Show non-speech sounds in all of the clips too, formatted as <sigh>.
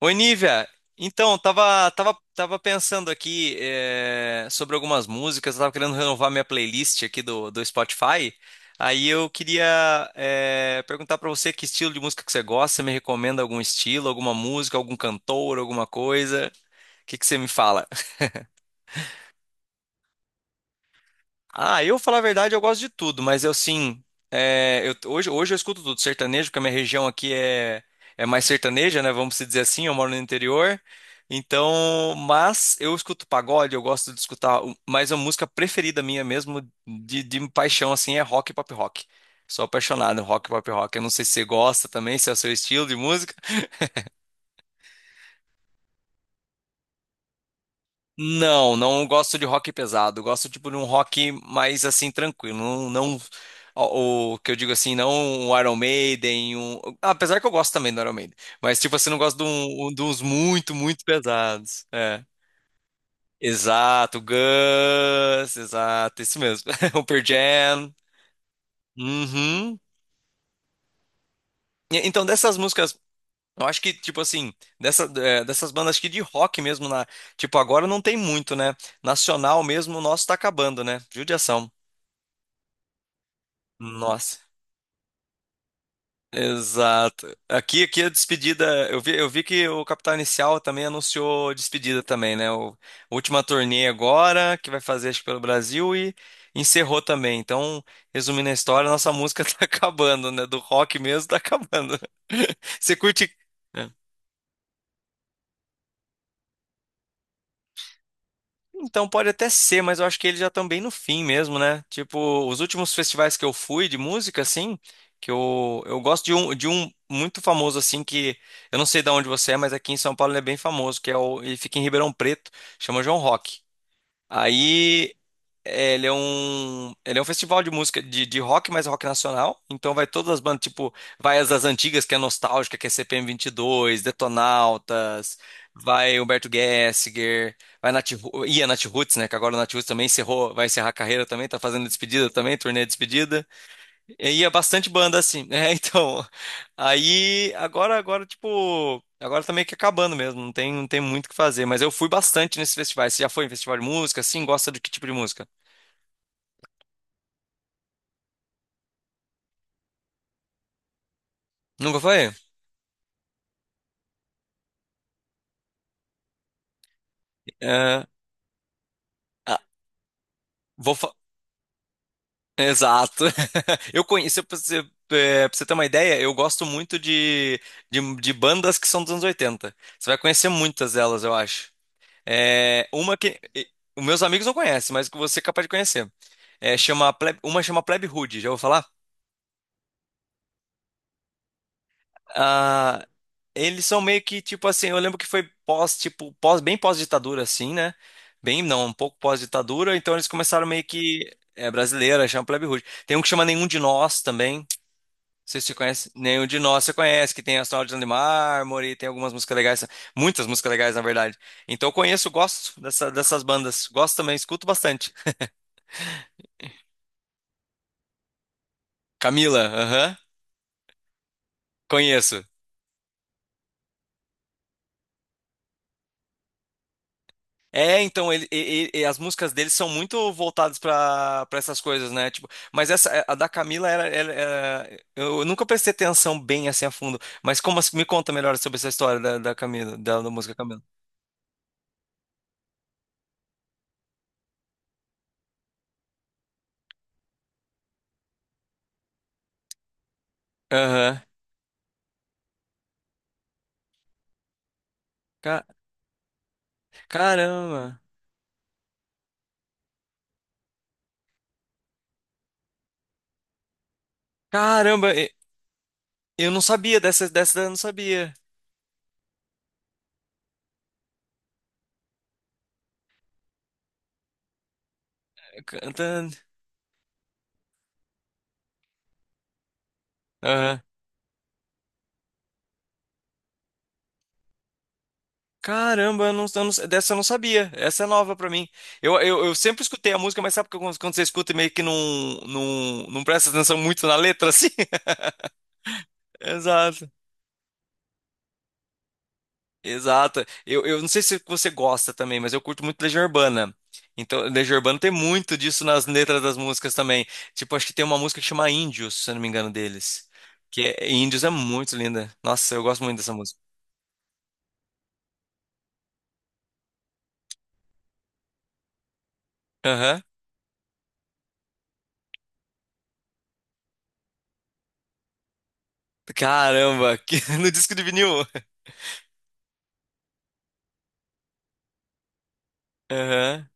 Oi, Nívia. Então, tava pensando aqui sobre algumas músicas, eu tava querendo renovar minha playlist aqui do Spotify. Aí eu queria perguntar pra você que estilo de música que você gosta, você me recomenda algum estilo, alguma música, algum cantor, alguma coisa? O que que você me fala? Ah, eu falar a verdade, eu gosto de tudo, mas eu sim. É, hoje eu escuto tudo sertanejo, porque a minha região aqui é mais sertaneja, né? Vamos se dizer assim, eu moro no interior. Então, mas eu escuto pagode, eu gosto de escutar, mas a música preferida minha mesmo, de paixão, assim, é rock e pop rock. Sou apaixonado em rock e pop rock. Eu não sei se você gosta também, se é o seu estilo de música. Não, não gosto de rock pesado. Gosto tipo de um rock mais assim tranquilo. O que eu digo assim, não um Iron Maiden, um, apesar que eu gosto também do Iron Maiden, mas tipo assim, não gosto de, de uns muito, muito pesados. É. Exato, Guns, exato, isso mesmo. <laughs> O Pearl Jam. Uhum. Então, dessas músicas, eu acho que, tipo assim, dessas bandas acho que de rock mesmo, na, tipo, agora não tem muito, né? Nacional mesmo, o nosso tá acabando, né? Judiação. Nossa, exato. Aqui a despedida. Eu vi que o Capital Inicial também anunciou despedida também, né? A última turnê agora, que vai fazer acho que pelo Brasil e encerrou também. Então, resumindo a história, nossa música <laughs> tá acabando, né? Do rock mesmo tá acabando. <laughs> Você curte. Então pode até ser, mas eu acho que eles já estão bem no fim mesmo, né? Tipo, os últimos festivais que eu fui de música, assim, que eu gosto de um muito famoso, assim, que eu não sei de onde você é, mas aqui em São Paulo ele é bem famoso, ele fica em Ribeirão Preto, chama João Rock. Aí ele é um festival de música de rock, mas é rock nacional. Então vai todas as bandas, tipo, vai as das antigas, que é nostálgica, que é CPM 22, Detonautas, vai Humberto Gessinger, vai ia Nat Roots, né? Que agora o Nat Roots também encerrou, vai encerrar a carreira também, tá fazendo despedida também, turnê de despedida. E ia bastante banda assim, né? <laughs> Então, aí agora tipo, agora tá meio que acabando mesmo, não tem muito o que fazer, mas eu fui bastante nesses festivais. Você já foi em festival de música? Sim, gosta de que tipo de música? Nunca foi? É, ah, vou fa- exato. <laughs> Eu conheço, pra você ter uma ideia, eu gosto muito de bandas que são dos anos 80. Você vai conhecer muitas delas, eu acho. É, uma que. e- Os meus amigos não conhecem, mas que você é capaz de conhecer. É, uma chama Plebe Hood, já vou falar? Ah, eles são meio que tipo assim, eu lembro que foi pós, tipo, pós, bem pós-ditadura assim, né? Bem, não, um pouco pós-ditadura, então eles começaram meio que é brasileira, chama Plebe Rude. Tem um que chama Nenhum de Nós também. Não sei se você conhece, Nenhum de Nós você conhece, que tem Astronauta de Mármore, tem algumas músicas legais, muitas músicas legais na verdade. Então eu conheço, dessas bandas, gosto também, escuto bastante. Camila, aham, conheço. É, então e as músicas dele são muito voltadas para essas coisas, né? Tipo, mas essa é, a da Camila eu nunca prestei atenção bem assim a fundo. Mas me conta melhor sobre essa história da Camila, da música Camila? Aham. Ca- caramba. Caramba, eu não sabia dessa eu não sabia. Cantando. Caramba, eu não- dessa eu não sabia. Essa é nova pra mim. Eu sempre escutei a música, mas sabe que quando você escuta e meio que não presta atenção muito na letra, assim? <laughs> Exato. Exato. Eu não sei se você gosta também, mas eu curto muito Legião Urbana. Então, Legião Urbana tem muito disso nas letras das músicas também. Tipo, acho que tem uma música que chama Índios, se eu não me engano, deles. Que é, Índios é muito linda. Nossa, eu gosto muito dessa música. Aham. Caramba, <laughs> no disco de vinil. Aham.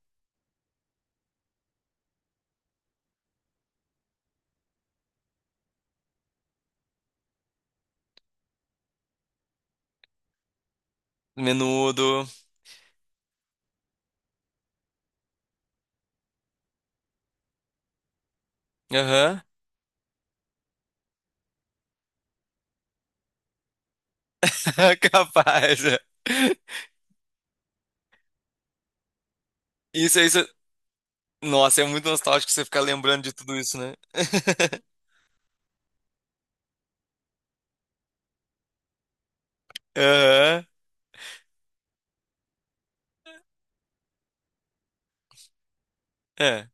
Menudo. Aham. <laughs> Capaz. É. Isso, isso. Nossa, é muito nostálgico você ficar lembrando de tudo isso, né? <laughs> Aham. É.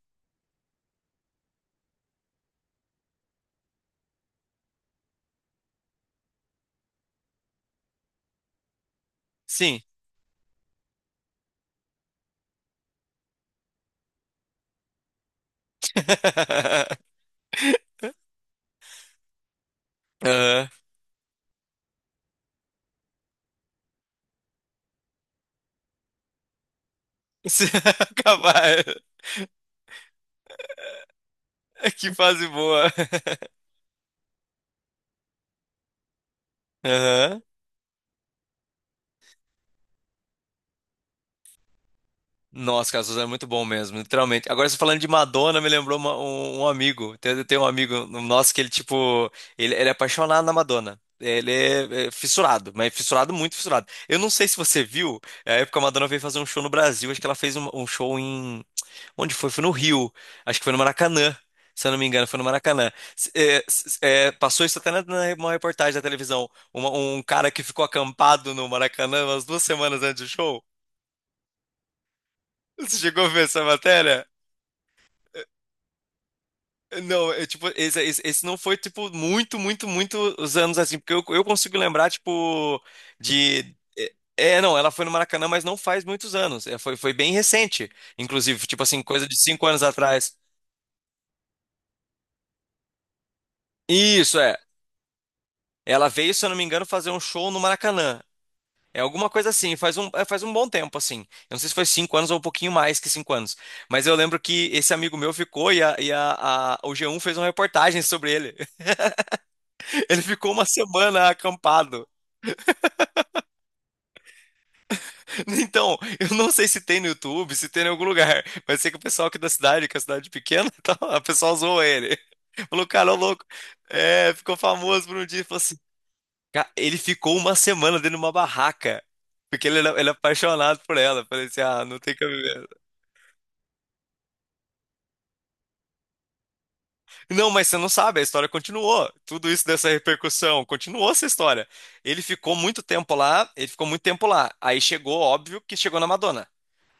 Sim. <laughs> Aham. <laughs> Capaz. Que fase boa. Aham. Nossa, cara, Suzano é muito bom mesmo, literalmente. Agora, você falando de Madonna, me lembrou um amigo. Tem um amigo nosso que ele, tipo, ele é apaixonado na Madonna. Ele é fissurado, mas fissurado, muito fissurado. Eu não sei se você viu, é a época que a Madonna veio fazer um show no Brasil. Acho que ela fez um show em. Onde foi? Foi no Rio. Acho que foi no Maracanã. Se eu não me engano, foi no Maracanã. Passou isso até na, numa reportagem da televisão. Um cara que ficou acampado no Maracanã umas 2 semanas antes do show. Você chegou a ver essa matéria? Não, é tipo, esse não foi, tipo, muitos anos assim, porque eu consigo lembrar, tipo, de. Não, ela foi no Maracanã, mas não faz muitos anos. É, foi bem recente, inclusive, tipo assim, coisa de 5 anos atrás. Isso, é. Ela veio, se eu não me engano, fazer um show no Maracanã. É alguma coisa assim, faz um bom tempo, assim. Eu não sei se foi 5 anos ou um pouquinho mais que 5 anos. Mas eu lembro que esse amigo meu ficou o G1 fez uma reportagem sobre ele. <laughs> Ele ficou uma semana acampado. <laughs> Então, eu não sei se tem no YouTube, se tem em algum lugar, mas sei que o pessoal aqui da cidade, que é a cidade pequena, <laughs> tá, a pessoa zoou ele. Falou, cara, ô louco. É, ficou famoso por um dia. Falou assim, ele ficou uma semana dentro de uma barraca, porque ele era, ele é apaixonado por ela. Eu falei assim, ah, não tem cabimento. Não, mas você não sabe, a história continuou. Tudo isso dessa repercussão, continuou essa história. Ele ficou muito tempo lá, ele ficou muito tempo lá. Aí chegou, óbvio, que chegou na Madonna.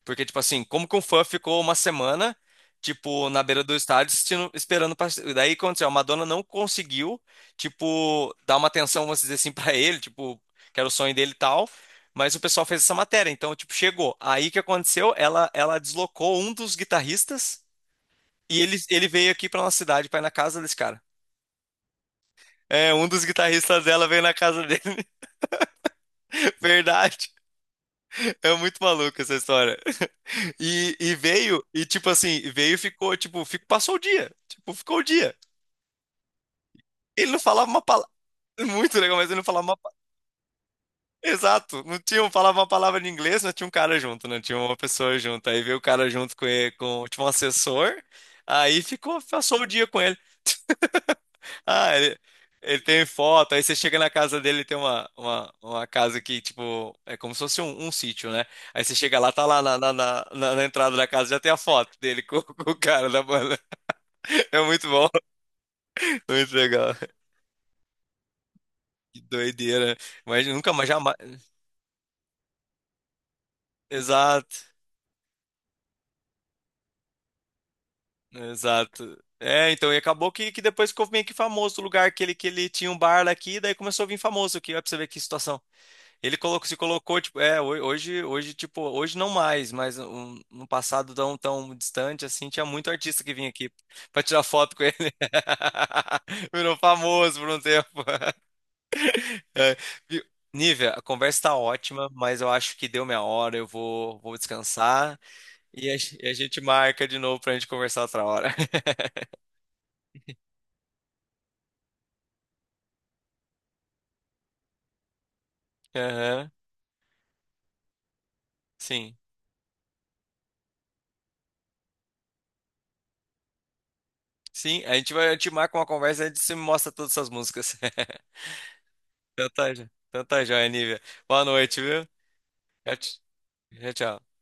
Porque, tipo assim, como que um fã ficou uma semana, tipo, na beira do estádio esperando pra... Daí aconteceu, a Madonna não conseguiu, tipo, dar uma atenção, vamos dizer assim, <laughs> pra ele, tipo, que era o sonho dele e tal. Mas o pessoal fez essa matéria, então, tipo, chegou. Aí o que aconteceu? Ela deslocou um dos guitarristas e ele veio aqui pra nossa cidade, pra ir na casa desse cara. É, um dos guitarristas dela veio na casa dele. <laughs> Verdade. É muito maluco essa história. E veio, e tipo assim, veio e ficou, tipo, passou o dia. Tipo, ficou o dia. Ele não falava uma palavra. Muito legal, mas ele não falava uma palavra. Exato. Não tinha, falava uma palavra em inglês, não tinha um cara junto, não tinha uma pessoa junto. Aí veio o cara junto com ele, com, tipo, um assessor. Aí ficou, passou o dia com ele. Ah, ele tem foto. Aí você chega na casa dele, tem uma casa que, tipo, é como se fosse um sítio, né? Aí você chega lá, tá lá na entrada da casa, já tem a foto dele com, <laughs> com o cara da banda. <laughs> É muito bom. Muito legal. Que doideira. Mas nunca mais jamais. Exato. Exato. É, então, e acabou que depois ficou meio que famoso o lugar que ele tinha um bar lá aqui, daí começou a vir famoso aqui, ó, pra você ver que situação. Ele colocou, se colocou, tipo, é, hoje não mais, mas no passado tão, tão distante, assim, tinha muito artista que vinha aqui pra tirar foto com ele. <laughs> Virou famoso por um tempo. É, viu? Nívia, a conversa tá ótima, mas eu acho que deu minha hora, vou descansar e a gente marca de novo pra gente conversar outra hora. <laughs> Aham, sim. Sim, a gente vai, a gente marca uma conversa e a gente se mostra todas essas músicas. <laughs> Então tá, então tá joia, Nívia. Boa noite, viu? Tchau, tchau. Tchau. Tchau.